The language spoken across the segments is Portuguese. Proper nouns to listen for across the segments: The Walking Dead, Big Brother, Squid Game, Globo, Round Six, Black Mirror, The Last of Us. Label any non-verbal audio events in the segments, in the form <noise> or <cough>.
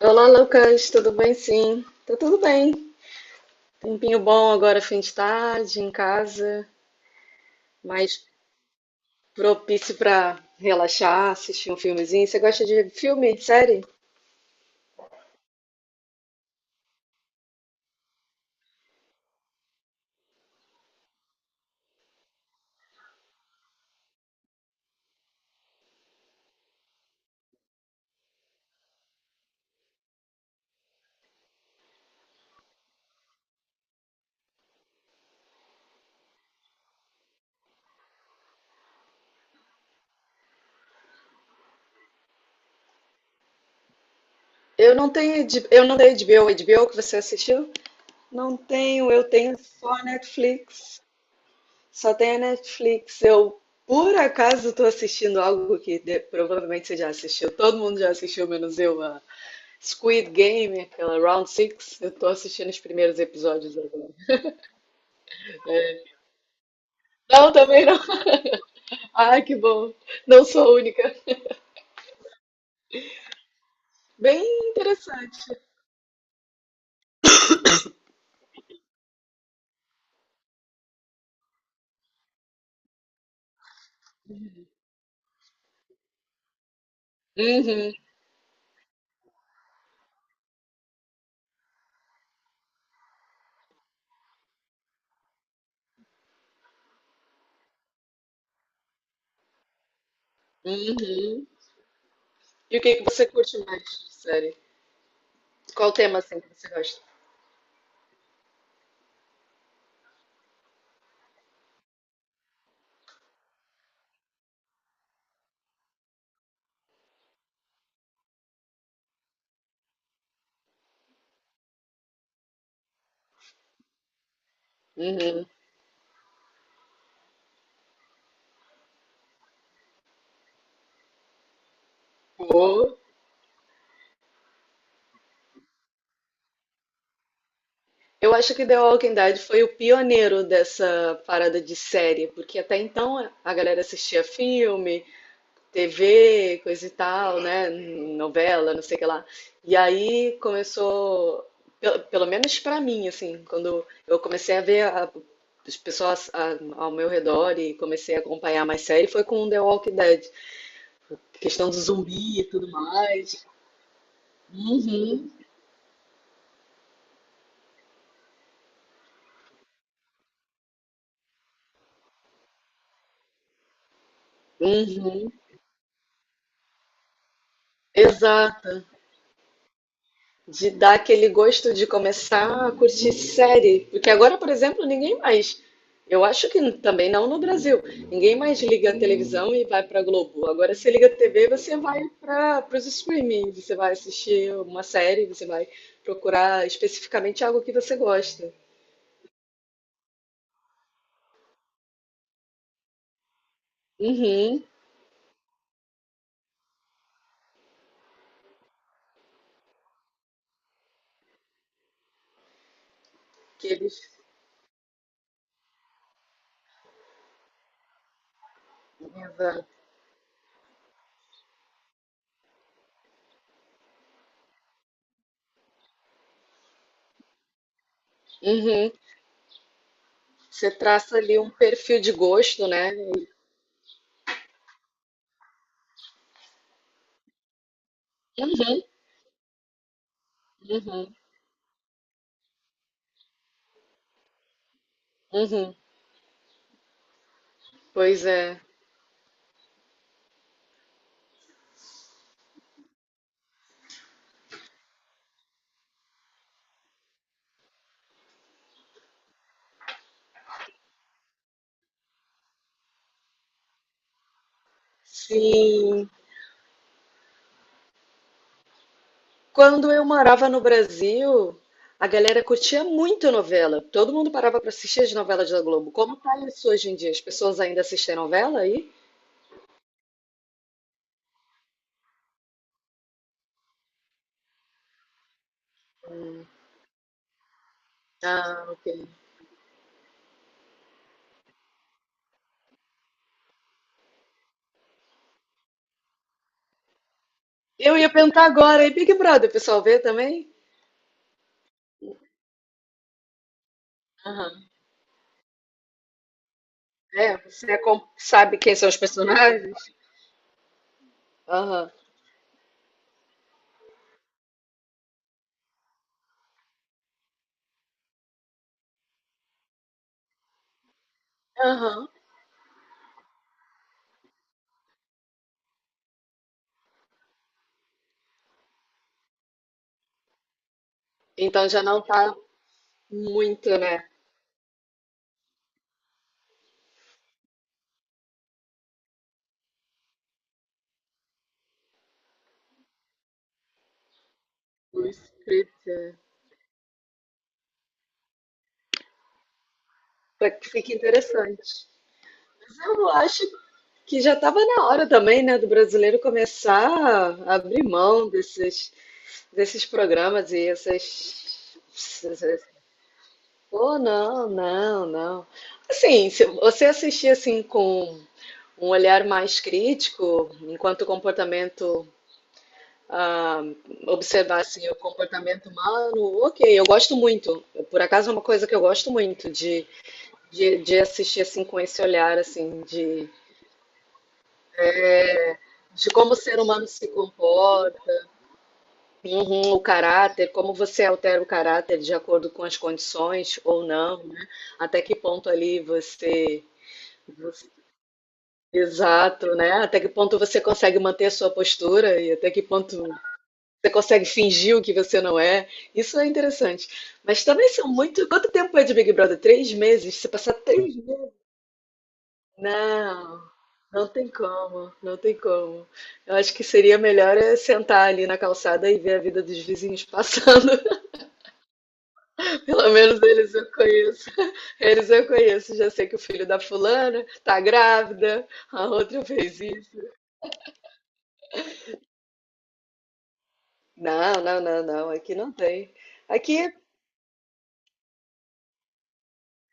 Olá, Lucas, tudo bem? Sim, tá tudo bem. Tempinho bom agora, fim de tarde, em casa, mais propício para relaxar, assistir um filmezinho. Você gosta de filme, série? Eu não tenho HBO, HBO que você assistiu? Não tenho, eu tenho só Netflix. Só tenho a Netflix. Eu, por acaso, estou assistindo algo que provavelmente você já assistiu. Todo mundo já assistiu, menos eu, a Squid Game, aquela Round Six. Eu estou assistindo os primeiros episódios agora. Não, também não. <laughs> Ah, que bom. Não sou a única. Bem interessante. Uhum, uhum. E o que que você curte mais de série? Qual tema assim que você gosta? Uhum. Pô. Eu acho que The Walking Dead foi o pioneiro dessa parada de série, porque até então a galera assistia filme, TV, coisa e tal, né? Novela, não sei o que lá. E aí começou, pelo menos pra mim, assim, quando eu comecei a ver as pessoas ao meu redor e comecei a acompanhar mais série, foi com The Walking Dead. Questão do zumbi e tudo mais. Uhum, uhum. Exato. De dar aquele gosto de começar a curtir série. Porque agora, por exemplo, ninguém mais. Eu acho que também não no Brasil. Ninguém mais liga a televisão e vai para Globo. Agora você liga a TV, você vai para os streaming, você vai assistir uma série, você vai procurar especificamente algo que você gosta. Uhum. Que eles. Exato. Uhum. Você traça ali um perfil de gosto, né? Uhum, uhum, uhum. Pois é. Sim. Quando eu morava no Brasil, a galera curtia muito novela. Todo mundo parava para assistir as novelas da Globo. Como tá isso hoje em dia? As pessoas ainda assistem novela aí? Ah, ok. Eu ia perguntar agora, e Big Brother, o pessoal vê também? Aham. É, você sabe quem são os personagens? Aham. Aham. Então já não tá muito, né? O script, para que fique interessante. Eu acho que já estava na hora também, né, do brasileiro começar a abrir mão desses programas e essas. Oh, não, não, não. Assim, se você assistir assim com um olhar mais crítico, enquanto o comportamento, ah, observar assim, o comportamento humano, ok, eu gosto muito. Por acaso é uma coisa que eu gosto muito de, assistir assim com esse olhar assim de como o ser humano se comporta. Uhum, o caráter, como você altera o caráter de acordo com as condições ou não, né? Até que ponto ali você, você- exato, né? Até que ponto você consegue manter a sua postura e até que ponto você consegue fingir o que você não é. Isso é interessante. Mas também são muito. Quanto tempo é de Big Brother? Três meses? Você passar três meses? Não, não tem como, não tem como. Eu acho que seria melhor é sentar ali na calçada e ver a vida dos vizinhos <laughs> passando. Pelo menos eles eu conheço. <laughs> Eles eu conheço. Já sei que o filho da fulana tá grávida, a outra fez isso. Não, não, não, não. Aqui não tem. Aqui,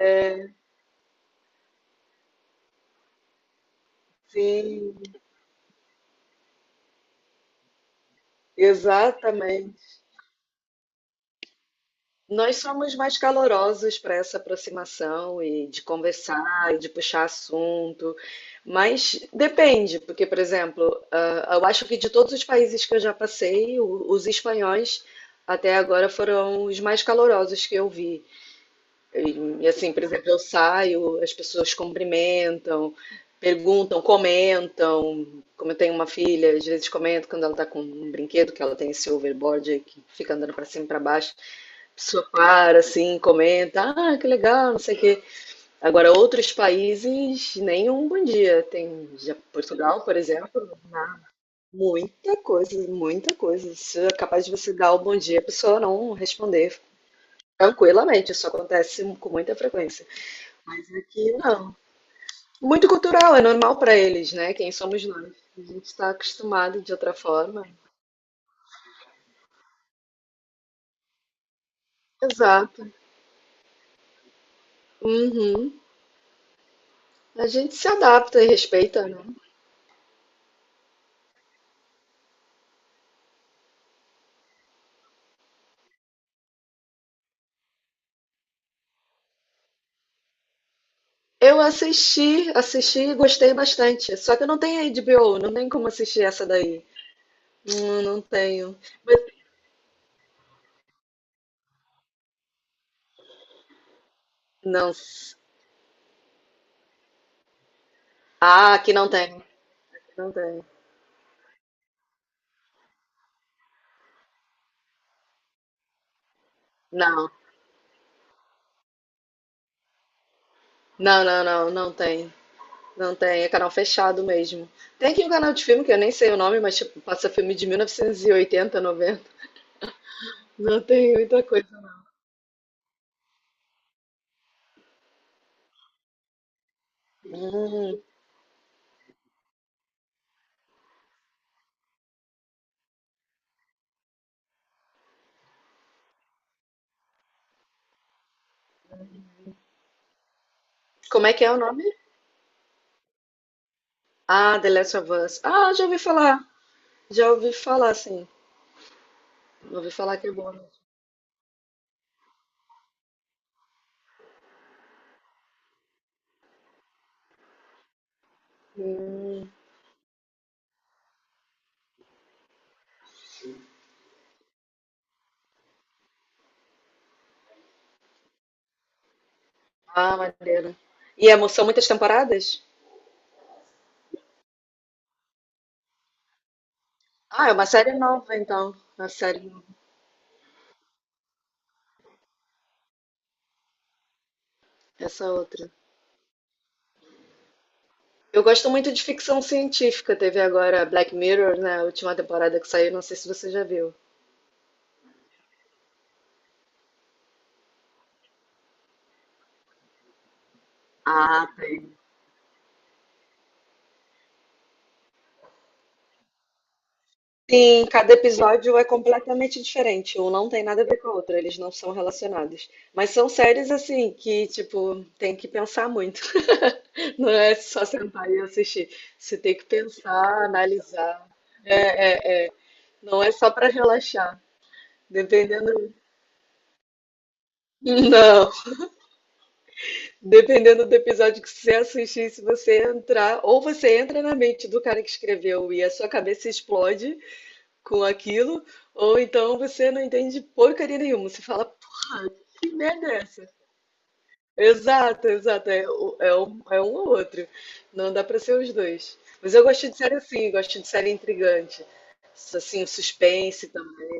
é, sim, exatamente. Nós somos mais calorosos para essa aproximação e de conversar e de puxar assunto, mas depende, porque, por exemplo, eu acho que de todos os países que eu já passei, os espanhóis até agora foram os mais calorosos que eu vi. E assim, por exemplo, eu saio, as pessoas cumprimentam, perguntam, comentam. Como eu tenho uma filha, às vezes comento quando ela está com um brinquedo, que ela tem esse overboard aí que fica andando para cima e para baixo. A pessoa para assim, comenta, ah, que legal, não sei o quê. Agora, outros países, nenhum bom dia. Tem já Portugal, por exemplo, né? Muita coisa, muita coisa. Isso é capaz de você dar o bom dia, a pessoa não responder tranquilamente. Isso acontece com muita frequência. Mas aqui não. Muito cultural, é normal para eles, né? Quem somos nós? A gente está acostumado de outra forma. Exato. Uhum. A gente se adapta e respeita, né? Eu assisti, assisti e gostei bastante. Só que eu não tenho HBO, não tem como assistir essa daí. Não tenho. Mas- não. Ah, aqui não tem. Não tem. Não. Não, não, não, não tem. Não tem. É canal fechado mesmo. Tem aqui um canal de filme que eu nem sei o nome, mas tipo, passa filme de 1980, 90. Não tem muita coisa. Hum. Como é que é o nome? Ah, The Last of Us. Ah, já ouvi falar. Já ouvi falar, sim. Já ouvi falar que é bom. Hum. Ah, maneiro. E são muitas temporadas? Ah, é uma série nova, então. Uma série nova. Essa outra. Eu gosto muito de ficção científica. Teve agora Black Mirror, né? A última temporada que saiu. Não sei se você já viu. Ah, sim, cada episódio é completamente diferente. Um não tem nada a ver com o outro, eles não são relacionados. Mas são séries assim que, tipo, tem que pensar muito. <laughs> Não é só sentar e assistir. Você tem que pensar, analisar. É, é, é. Não é só para relaxar. Dependendo. <laughs> Não. Dependendo do episódio que você assistir, se você entrar, ou você entra na mente do cara que escreveu e a sua cabeça explode, com aquilo, ou então você não entende porcaria nenhuma. Você fala, porra, que merda é essa? Exato, exato. É, é um, ou outro. Não dá pra ser os dois. Mas eu gosto de série assim, gosto de série intrigante. Assim, o suspense também.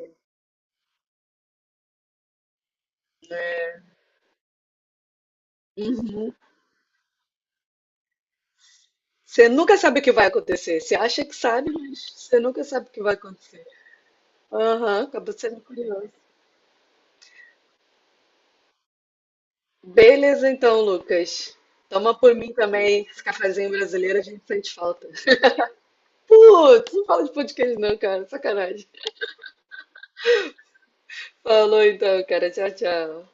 Uhum. Você nunca sabe o que vai acontecer. Você acha que sabe, mas você nunca sabe o que vai acontecer. Aham, acabou sendo curioso. Beleza, então, Lucas. Toma por mim também esse cafezinho brasileiro, a gente sente falta. Putz, não fala de podcast não, cara. Sacanagem. Falou então, cara. Tchau, tchau.